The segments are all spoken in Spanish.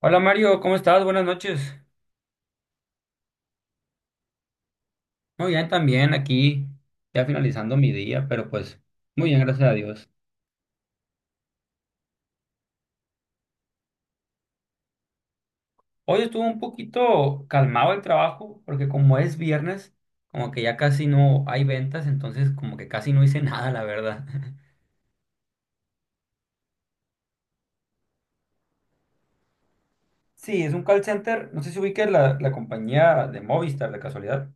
Hola Mario, ¿cómo estás? Buenas noches. Muy bien, también aquí, ya finalizando mi día, pero pues muy bien, gracias a Dios. Hoy estuvo un poquito calmado el trabajo, porque como es viernes, como que ya casi no hay ventas, entonces como que casi no hice nada, la verdad. Sí, es un call center, no sé si ubiques la compañía de Movistar, de casualidad.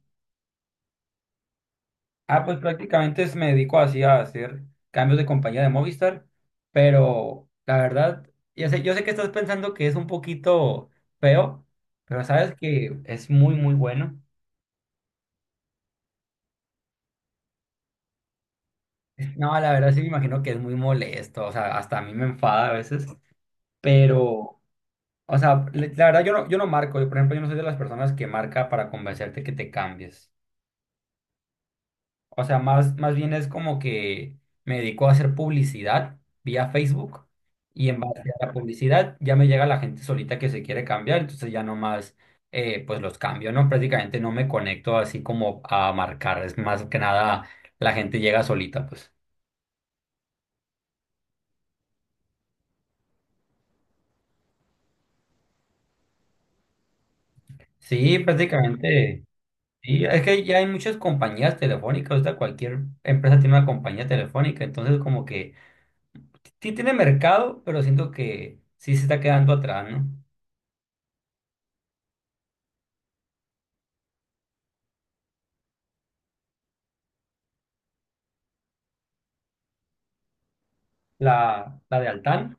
Ah, pues prácticamente me dedico así a hacer cambios de compañía de Movistar, pero la verdad, yo sé que estás pensando que es un poquito feo, pero sabes que es muy, muy bueno. No, la verdad sí me imagino que es muy molesto, o sea, hasta a mí me enfada a veces, pero, o sea, la verdad yo no marco, yo, por ejemplo, yo no soy de las personas que marca para convencerte que te cambies. O sea, más bien es como que me dedico a hacer publicidad vía Facebook y en base a la publicidad ya me llega la gente solita que se quiere cambiar, entonces ya nomás pues los cambio, ¿no? Prácticamente no me conecto así como a marcar, es más que nada la gente llega solita, pues. Sí, prácticamente. Sí es que ya hay muchas compañías telefónicas, o sea, cualquier empresa tiene una compañía telefónica, entonces como que sí tiene mercado, pero siento que sí se está quedando atrás, ¿no? La de Altán.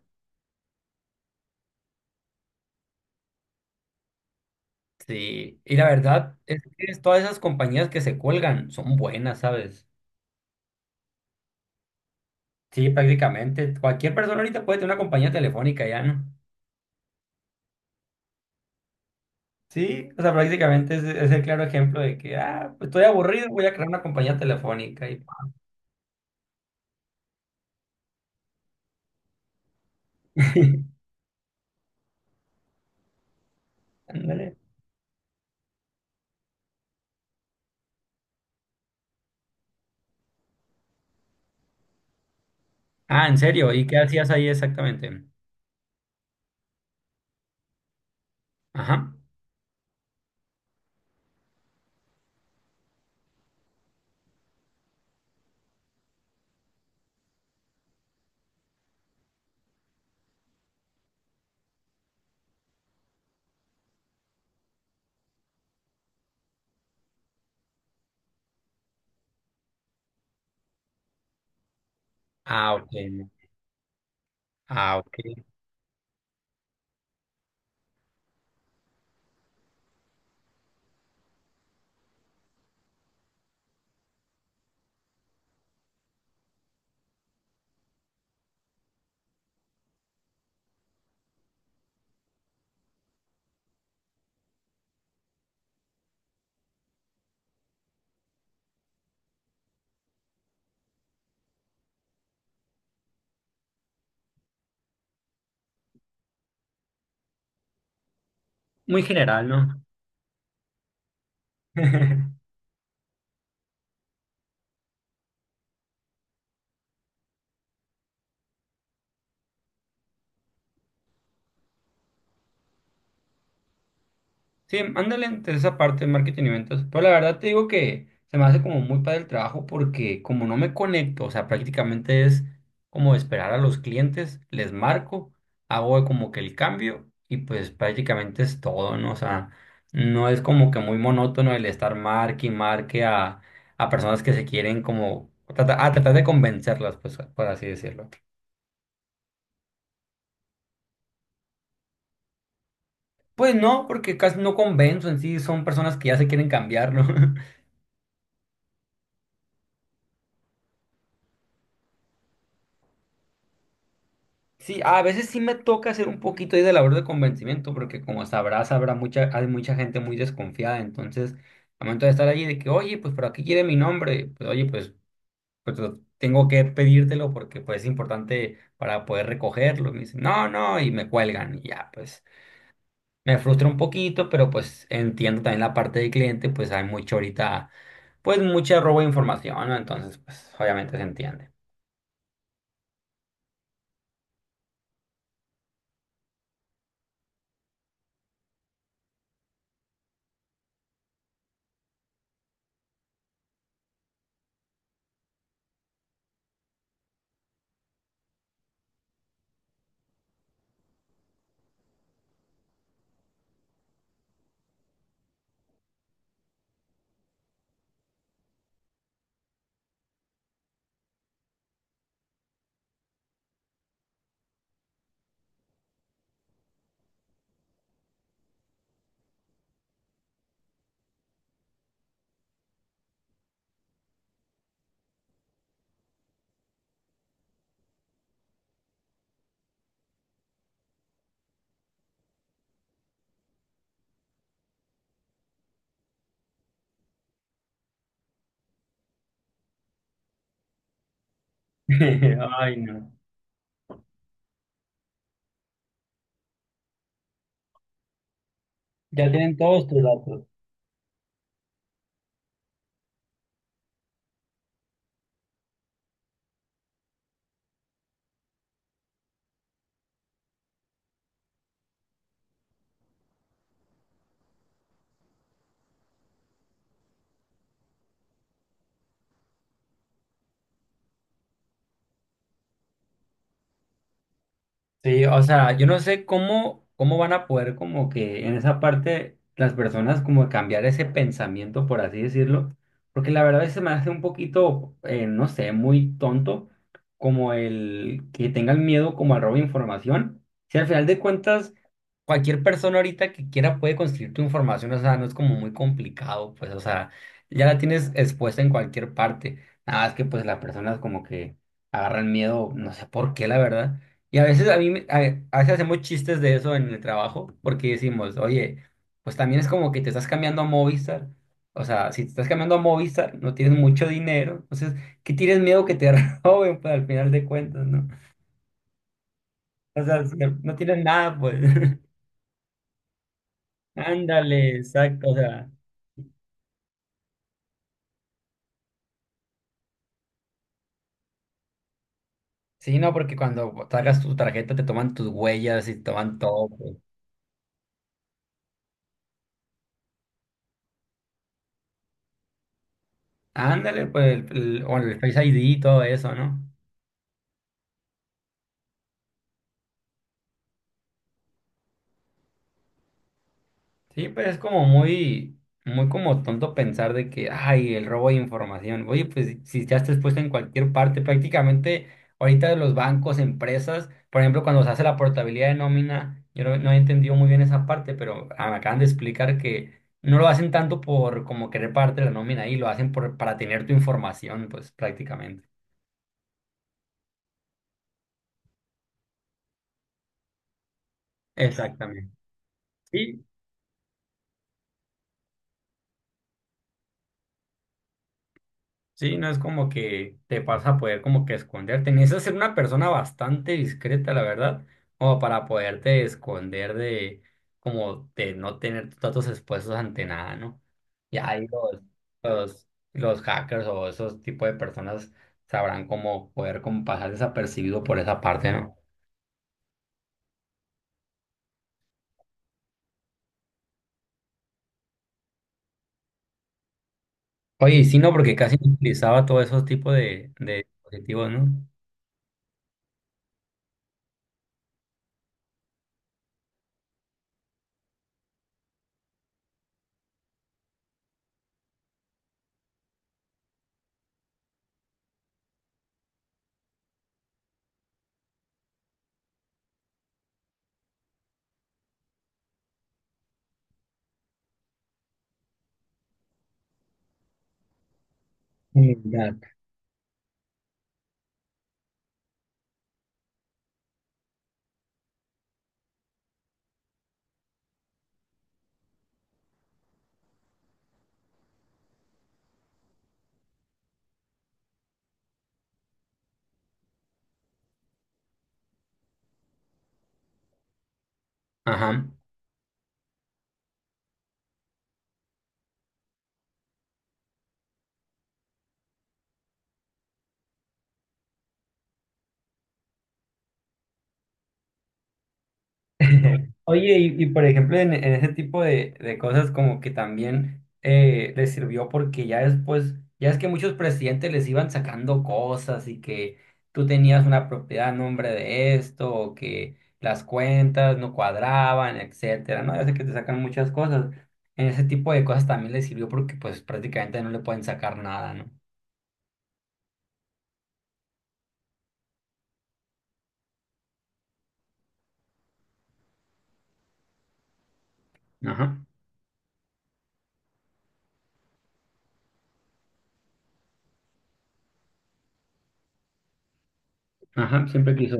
Sí, y la verdad es que todas esas compañías que se cuelgan son buenas, ¿sabes? Sí, prácticamente. Cualquier persona ahorita puede tener una compañía telefónica ya, ¿no? Sí, o sea, prácticamente es el claro ejemplo de que, ah, pues estoy aburrido, voy a crear una compañía telefónica y ándale. Ah, ¿en serio? ¿Y qué hacías ahí exactamente? Ajá. Ah, ok. Ah, ok. Muy general, ¿no? Sí, ándale entre esa parte de marketing y ventas. Pero la verdad te digo que se me hace como muy padre el trabajo porque como no me conecto, o sea, prácticamente es como esperar a los clientes, les marco, hago como que el cambio y pues prácticamente es todo, ¿no? O sea, no es como que muy monótono el estar marque y marque a, personas que se quieren como a tratar de convencerlas, pues, por así decirlo. Pues no, porque casi no convenzo en sí, son personas que ya se quieren cambiarlo. Sí, a veces sí me toca hacer un poquito ahí de labor de convencimiento, porque como sabrás, habrá mucha, hay mucha gente muy desconfiada, entonces, al momento de estar allí, de que, oye, pues, pero aquí quiere mi nombre, pues, oye, pues, pues tengo que pedírtelo porque, pues, es importante para poder recogerlo, y me dicen, no, no, y me cuelgan, y ya, pues, me frustra un poquito, pero, pues, entiendo también la parte del cliente, pues, hay mucho ahorita, pues, mucha robo de información, ¿no? Entonces, pues, obviamente se entiende. Ay, no. Ya tienen todos tus datos. Sí, o sea, yo no sé cómo van a poder como que en esa parte las personas como cambiar ese pensamiento, por así decirlo, porque la verdad se me hace un poquito, no sé, muy tonto como el que tengan miedo como al robo de información. Si al final de cuentas cualquier persona ahorita que quiera puede conseguir tu información, o sea, no es como muy complicado, pues, o sea, ya la tienes expuesta en cualquier parte. Nada más que pues las personas como que agarran miedo, no sé por qué, la verdad. Y a veces a mí, a, veces hacemos chistes de eso en el trabajo, porque decimos, oye, pues también es como que te estás cambiando a Movistar. O sea, si te estás cambiando a Movistar, no tienes mucho dinero. Entonces, ¿qué tienes miedo que te roben? Pues al final de cuentas, ¿no? O sea, si no tienes nada, pues. Ándale, exacto. O sea, sí, no, porque cuando sacas tu tarjeta te toman tus huellas y te toman todo, pues. Ándale, pues, el- o el Face ID y todo eso, ¿no? Sí, pero es como muy, muy como tonto pensar de que, ay, el robo de información. Oye, pues si ya está expuesto en cualquier parte, prácticamente ahorita los bancos, empresas, por ejemplo, cuando se hace la portabilidad de nómina, yo no he entendido muy bien esa parte, pero ah, me acaban de explicar que no lo hacen tanto por como querer pagarte la nómina ahí, lo hacen por, para tener tu información, pues prácticamente. Exactamente. Sí, Sí, no es como que te vas a poder como que esconderte. Necesitas ser una persona bastante discreta, la verdad, como para poderte esconder de, como de no tener tus datos expuestos ante nada, ¿no? Ya ahí los, los, los hackers o esos tipos de personas sabrán cómo poder como pasar desapercibido por esa parte, ¿no? Oye, y sí, no, porque casi no utilizaba todos esos tipos de dispositivos, ¿no? Mm, ya. Ajá. Oye, y, por ejemplo, en, ese tipo de cosas como que también les sirvió porque ya después, ya es que muchos presidentes les iban sacando cosas y que tú tenías una propiedad a nombre de esto, o que las cuentas no cuadraban, etcétera, ¿no? Ya sé que te sacan muchas cosas. En ese tipo de cosas también les sirvió porque pues prácticamente no le pueden sacar nada, ¿no? Ajá, ajá, siempre quiso.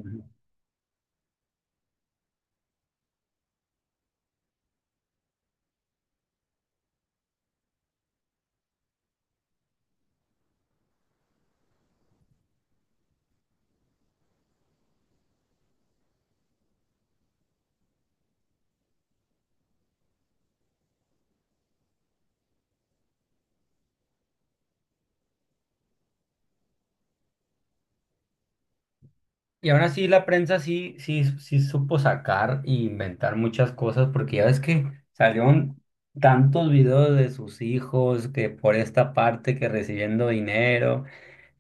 Y aún así la prensa sí, sí, sí supo sacar e inventar muchas cosas, porque ya ves que salieron tantos videos de sus hijos, que por esta parte, que recibiendo dinero,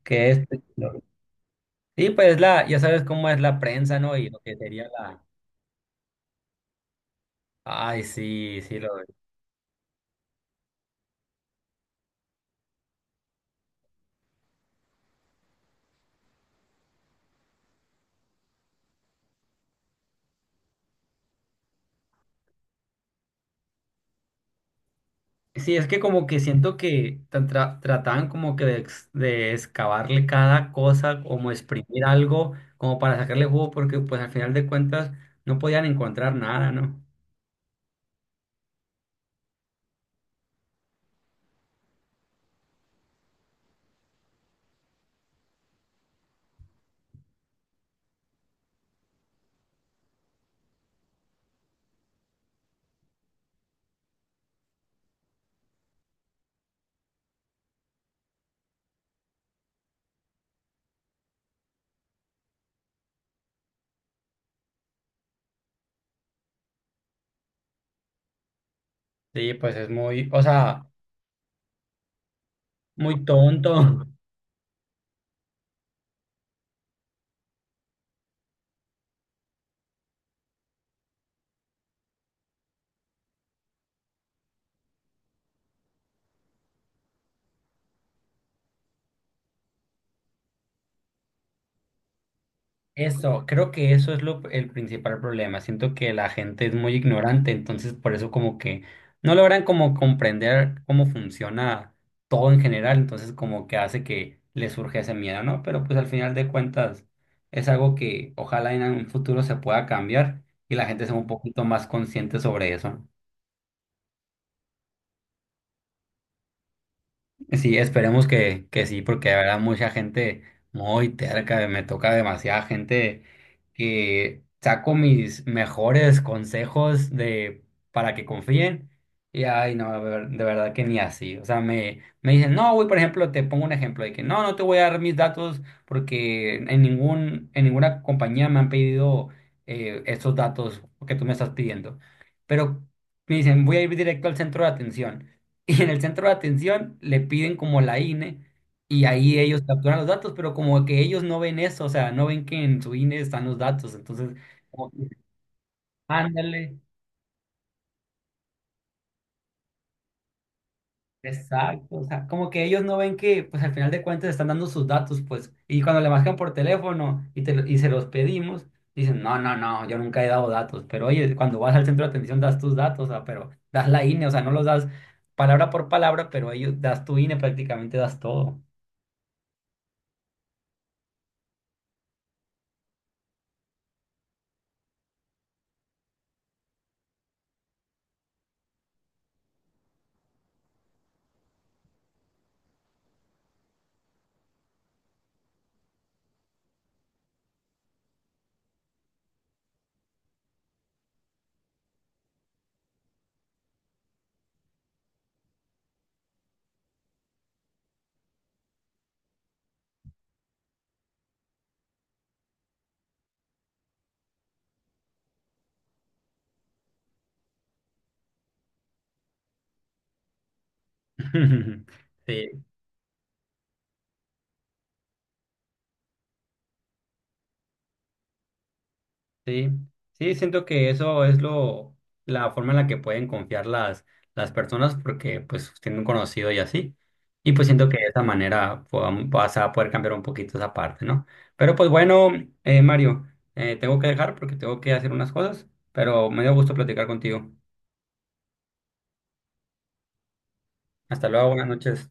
que esto, y otro. Sí, pues ya sabes cómo es la prensa, ¿no? Y lo que sería la. Ay, sí, sí, lo. Sí, es que como que siento que trataban como que de excavarle cada cosa, como exprimir algo, como para sacarle jugo, porque pues al final de cuentas no podían encontrar nada, ¿no? Sí, pues es muy, o sea, muy tonto. Eso, creo que eso es el principal problema. Siento que la gente es muy ignorante, entonces por eso como que no logran como comprender cómo funciona todo en general, entonces como que hace que les surge ese miedo, ¿no? Pero pues al final de cuentas es algo que ojalá en un futuro se pueda cambiar y la gente sea un poquito más consciente sobre eso, ¿no? Sí, esperemos que, sí, porque habrá mucha gente muy terca, me toca demasiada gente que saco mis mejores consejos de para que confíen y ay no, de de verdad que ni así. O sea, me dicen, no, güey, por ejemplo, te pongo un ejemplo de que no, no te voy a dar mis datos porque en ninguna compañía me han pedido estos datos que tú me estás pidiendo. Pero me dicen, voy a ir directo al centro de atención y en el centro de atención le piden como la INE y ahí ellos capturan los datos, pero como que ellos no ven eso, o sea, no ven que en su INE están los datos, entonces, como que, ándale, exacto, o sea, como que ellos no ven que, pues al final de cuentas están dando sus datos, pues, y cuando le marcan por teléfono y se los pedimos, dicen, no, no, no, yo nunca he dado datos, pero oye, cuando vas al centro de atención das tus datos, o sea, pero das la INE, o sea, no los das palabra por palabra, pero ellos das tu INE, prácticamente das todo. Sí. Sí, sí, siento que eso es la forma en la que pueden confiar las, personas porque pues tienen un conocido y así. Y pues siento que de esa manera vas a poder cambiar un poquito esa parte, ¿no? Pero pues bueno, Mario, tengo que dejar porque tengo que hacer unas cosas, pero me dio gusto platicar contigo. Hasta luego, buenas noches.